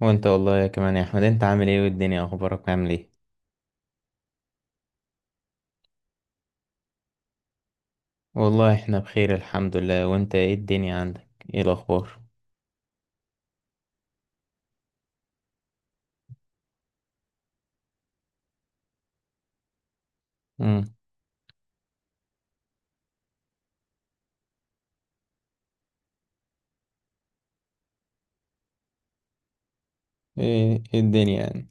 وانت والله يا كمان يا احمد، انت عامل ايه؟ والدنيا اخبارك عامل ايه؟ والله احنا بخير الحمد لله. وانت ايه الدنيا عندك؟ ايه الاخبار؟ امم. ايه الدنيا يعني؟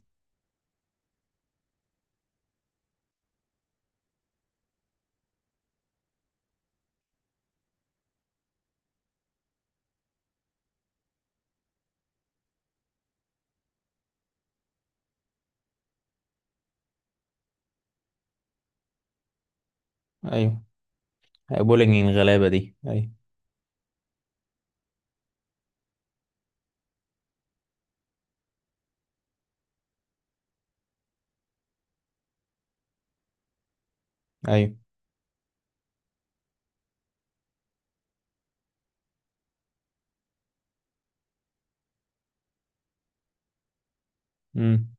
ايوه، بولينج الغلابه دي. ايوه، ايوه. امم.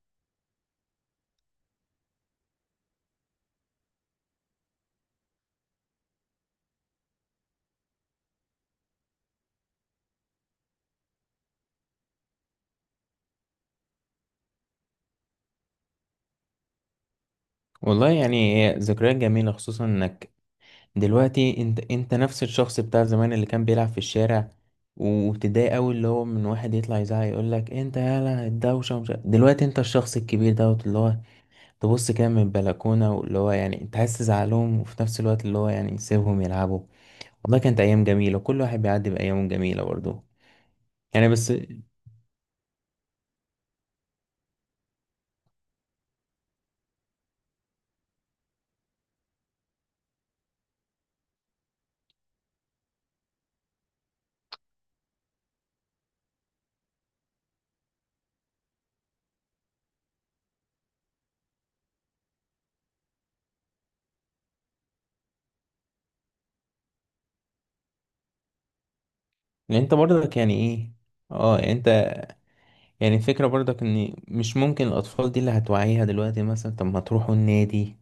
والله يعني هي ذكريات جميله، خصوصا انك دلوقتي انت نفس الشخص بتاع زمان اللي كان بيلعب في الشارع، وتضايق قوي اللي هو من واحد يطلع يزعق يقول لك انت يالا الدوشه ومش دلوقتي انت الشخص الكبير دوت اللي هو تبص كده من البلكونة، اللي هو يعني انت عايز تزعلهم، وفي نفس الوقت اللي هو يعني سيبهم يلعبوا. والله كانت أيام جميلة، كل واحد بيعدي بأيام جميلة برضه. يعني بس يعني انت برضك يعني ايه؟ اه انت يعني الفكرة برضك ان مش ممكن الاطفال دي اللي هتوعيها دلوقتي مثلا طب ما تروحوا النادي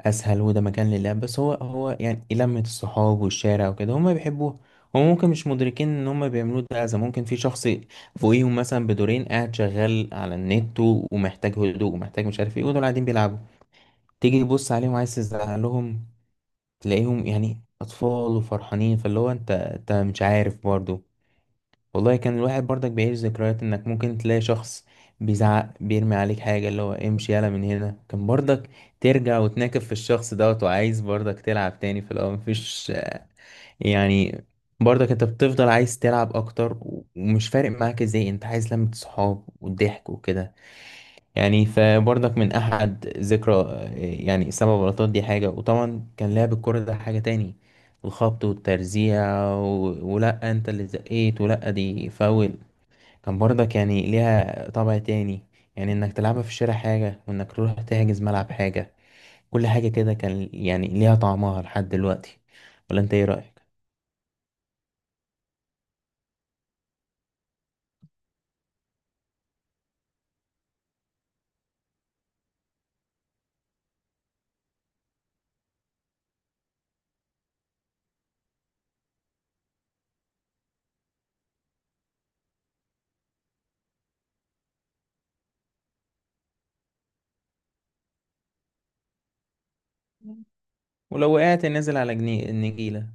اسهل، وده مكان للعب، بس هو يعني لمة الصحاب والشارع وكده هما بيحبوها. هما ممكن مش مدركين ان هما بيعملوه ده اذى، ممكن في شخص فوقيهم مثلا بدورين قاعد شغال على النت ومحتاج هدوء ومحتاج مش عارف ايه، ودول قاعدين بيلعبوا. تيجي تبص عليهم عايز تزعلهم، تلاقيهم يعني اطفال وفرحانين، فاللي هو انت مش عارف برضه. والله كان الواحد برضك بيعيش ذكريات انك ممكن تلاقي شخص بيزعق، بيرمي عليك حاجة اللي هو امشي يلا من هنا، كان برضك ترجع وتناكب في الشخص دوت، وعايز برضك تلعب تاني. في الاول مفيش يعني، برضك انت بتفضل عايز تلعب اكتر، ومش فارق معاك ازاي، انت عايز لمة صحاب والضحك وكده. يعني فبرضك من احد ذكرى، يعني 7 بلاطات دي حاجة، وطبعا كان لعب الكرة ده حاجة تاني. الخبط والترزيع و... ولا انت اللي زقيت، ولا دي فاول. كان برضك يعني ليها طابع تاني، يعني انك تلعبها في الشارع حاجة، وانك تروح تحجز ملعب حاجة. كل حاجة كده كان يعني ليها طعمها لحد دلوقتي. ولا انت ايه رأيك؟ ولو وقعت نازل على النجيلة.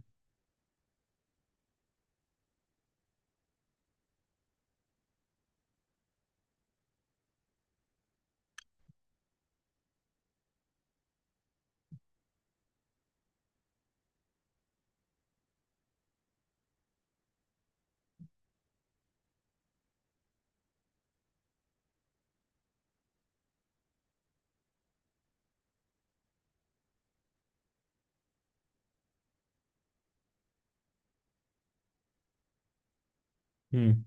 امم.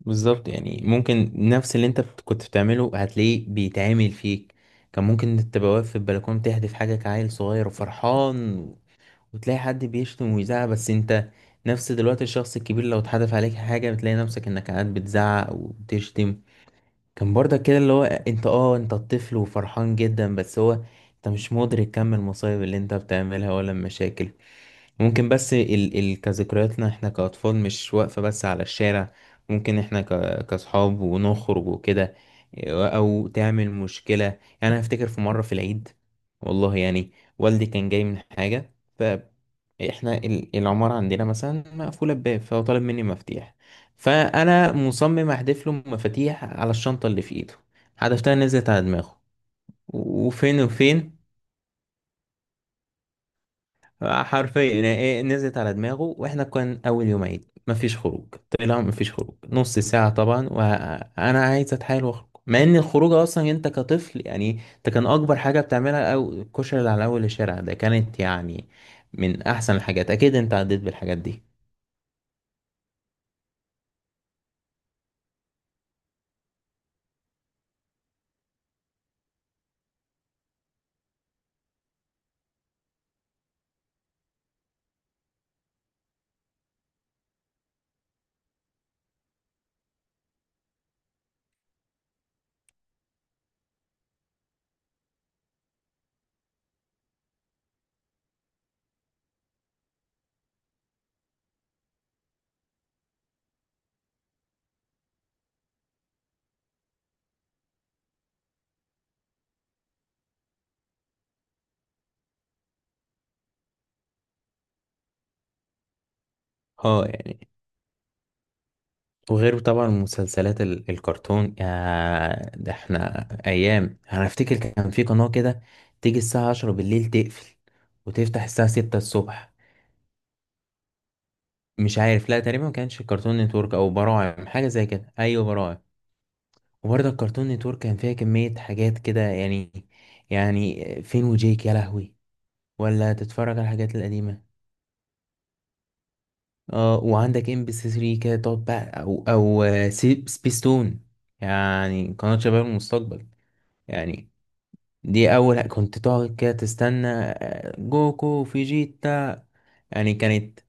بالظبط يعني، ممكن نفس اللي انت كنت بتعمله هتلاقيه بيتعمل فيك. كان ممكن تبقى واقف في البلكونة تهدف حاجة كعيل صغير وفرحان، وتلاقي حد بيشتم ويزعق. بس انت نفس دلوقتي الشخص الكبير لو اتحدف عليك حاجة بتلاقي نفسك انك قاعد بتزعق وبتشتم. كان برضك كده اللي هو انت، اه، انت الطفل وفرحان جدا، بس هو انت مش مدرك كم المصايب اللي انت بتعملها ولا المشاكل. ممكن بس ال كذكرياتنا احنا كأطفال مش واقفة بس على الشارع، ممكن احنا كأصحاب ونخرج وكده، او تعمل مشكلة يعني. انا افتكر في مرة في العيد، والله يعني، والدي كان جاي من حاجة، احنا العمارة عندنا مثلا مقفولة بباب، فهو طالب مني مفاتيح، فأنا مصمم أحدف له مفاتيح على الشنطة اللي في إيده. حدفتها نزلت على دماغه وفين وفين. حرفيا يعني إيه، نزلت على دماغه. واحنا كان أول يوم عيد، مفيش خروج. طلع مفيش خروج نص ساعة طبعا، وأنا عايز أتحايل وأخرج، مع إن الخروج أصلا، أنت كطفل يعني، أنت كان أكبر حاجة بتعملها أو الكشري اللي على أول الشارع ده، كانت يعني من أحسن الحاجات. أكيد أنت عديت بالحاجات دي. اه، وغيره طبعا مسلسلات الكرتون يا، ده احنا ايام. انا افتكر كان في قناة كده تيجي الساعة 10 بالليل تقفل، وتفتح الساعة 6 الصبح. مش عارف، لا، تقريبا ما كانش الكرتون نتورك، او براعم، حاجة زي كده. ايوه براعم. وبرضه الكرتون نتورك كان فيها كمية حاجات كده يعني، يعني فين وجيك يا لهوي؟ ولا تتفرج على الحاجات القديمة. اه، وعندك ام بي سي 3 كده تقعد بقى، او او سبيستون، يعني قناة شباب المستقبل. يعني دي اول، كنت تقعد كده تستنى آه، جوكو فيجيتا، يعني كانت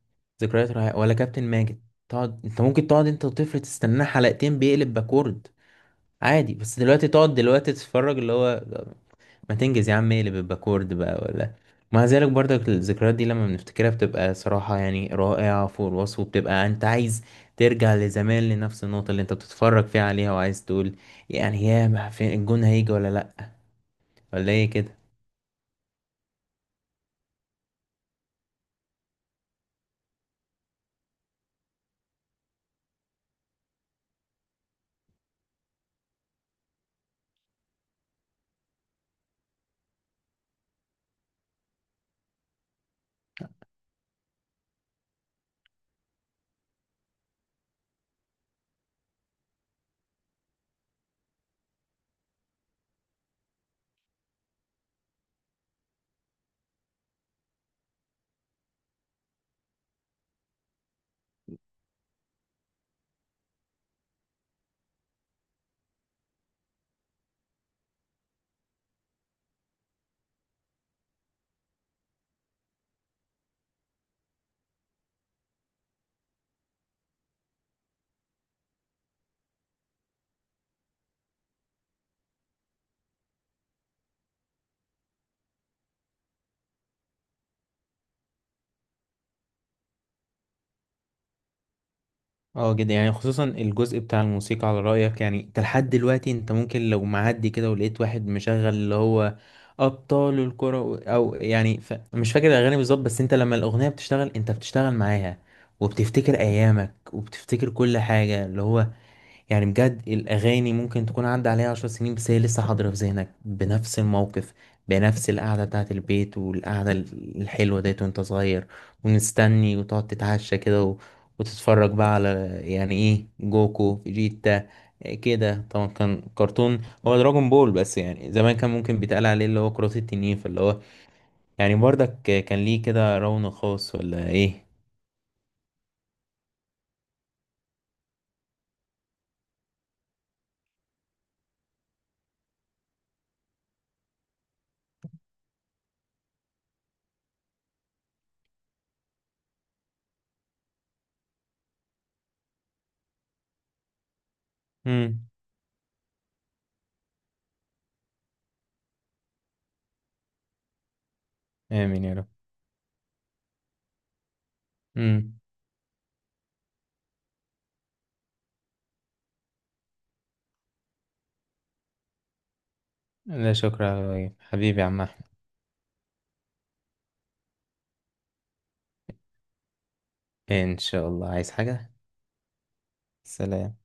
ذكريات رائعة. ولا كابتن ماجد، تقعد انت، ممكن تقعد انت وطفل تستناه حلقتين بيقلب باكورد عادي. بس دلوقتي تقعد دلوقتي تتفرج، اللي هو ما تنجز يا عم، اقلب الباكورد بقى، ولا. مع ذلك برضك الذكريات دي لما بنفتكرها بتبقى صراحة يعني رائعة فوق الوصف، وبتبقى انت عايز ترجع لزمان، لنفس النقطة اللي انت بتتفرج فيها عليها، وعايز تقول يعني يا ما فين الجون، هيجي ولا لأ، ولا ايه كده. اه جدا، يعني خصوصا الجزء بتاع الموسيقى على رأيك، يعني انت لحد دلوقتي انت ممكن لو معدي كده ولقيت واحد مشغل اللي هو أبطال الكرة، أو يعني مش فاكر الأغاني بالظبط، بس انت لما الأغنية بتشتغل انت بتشتغل معاها، وبتفتكر أيامك وبتفتكر كل حاجة اللي هو يعني، بجد الأغاني ممكن تكون عدى عليها 10 سنين، بس هي لسه حاضرة في ذهنك، بنفس الموقف، بنفس القعدة بتاعة البيت والقعدة الحلوة ديت، وانت صغير ونستني، وتقعد تتعشى كده و... وتتفرج بقى على يعني ايه، جوكو فيجيتا. إيه كده، طبعا كان كرتون، هو دراجون بول، بس يعني زمان كان ممكن بيتقال عليه اللي هو كرة التنين، فاللي هو يعني برضك كان ليه كده رونق خاص؟ ولا ايه؟ امم. آمين يا رب. امم. لا، شكرا يا إبراهيم. حبيبي يا عم أحمد. ان شاء الله. عايز حاجة؟ سلام.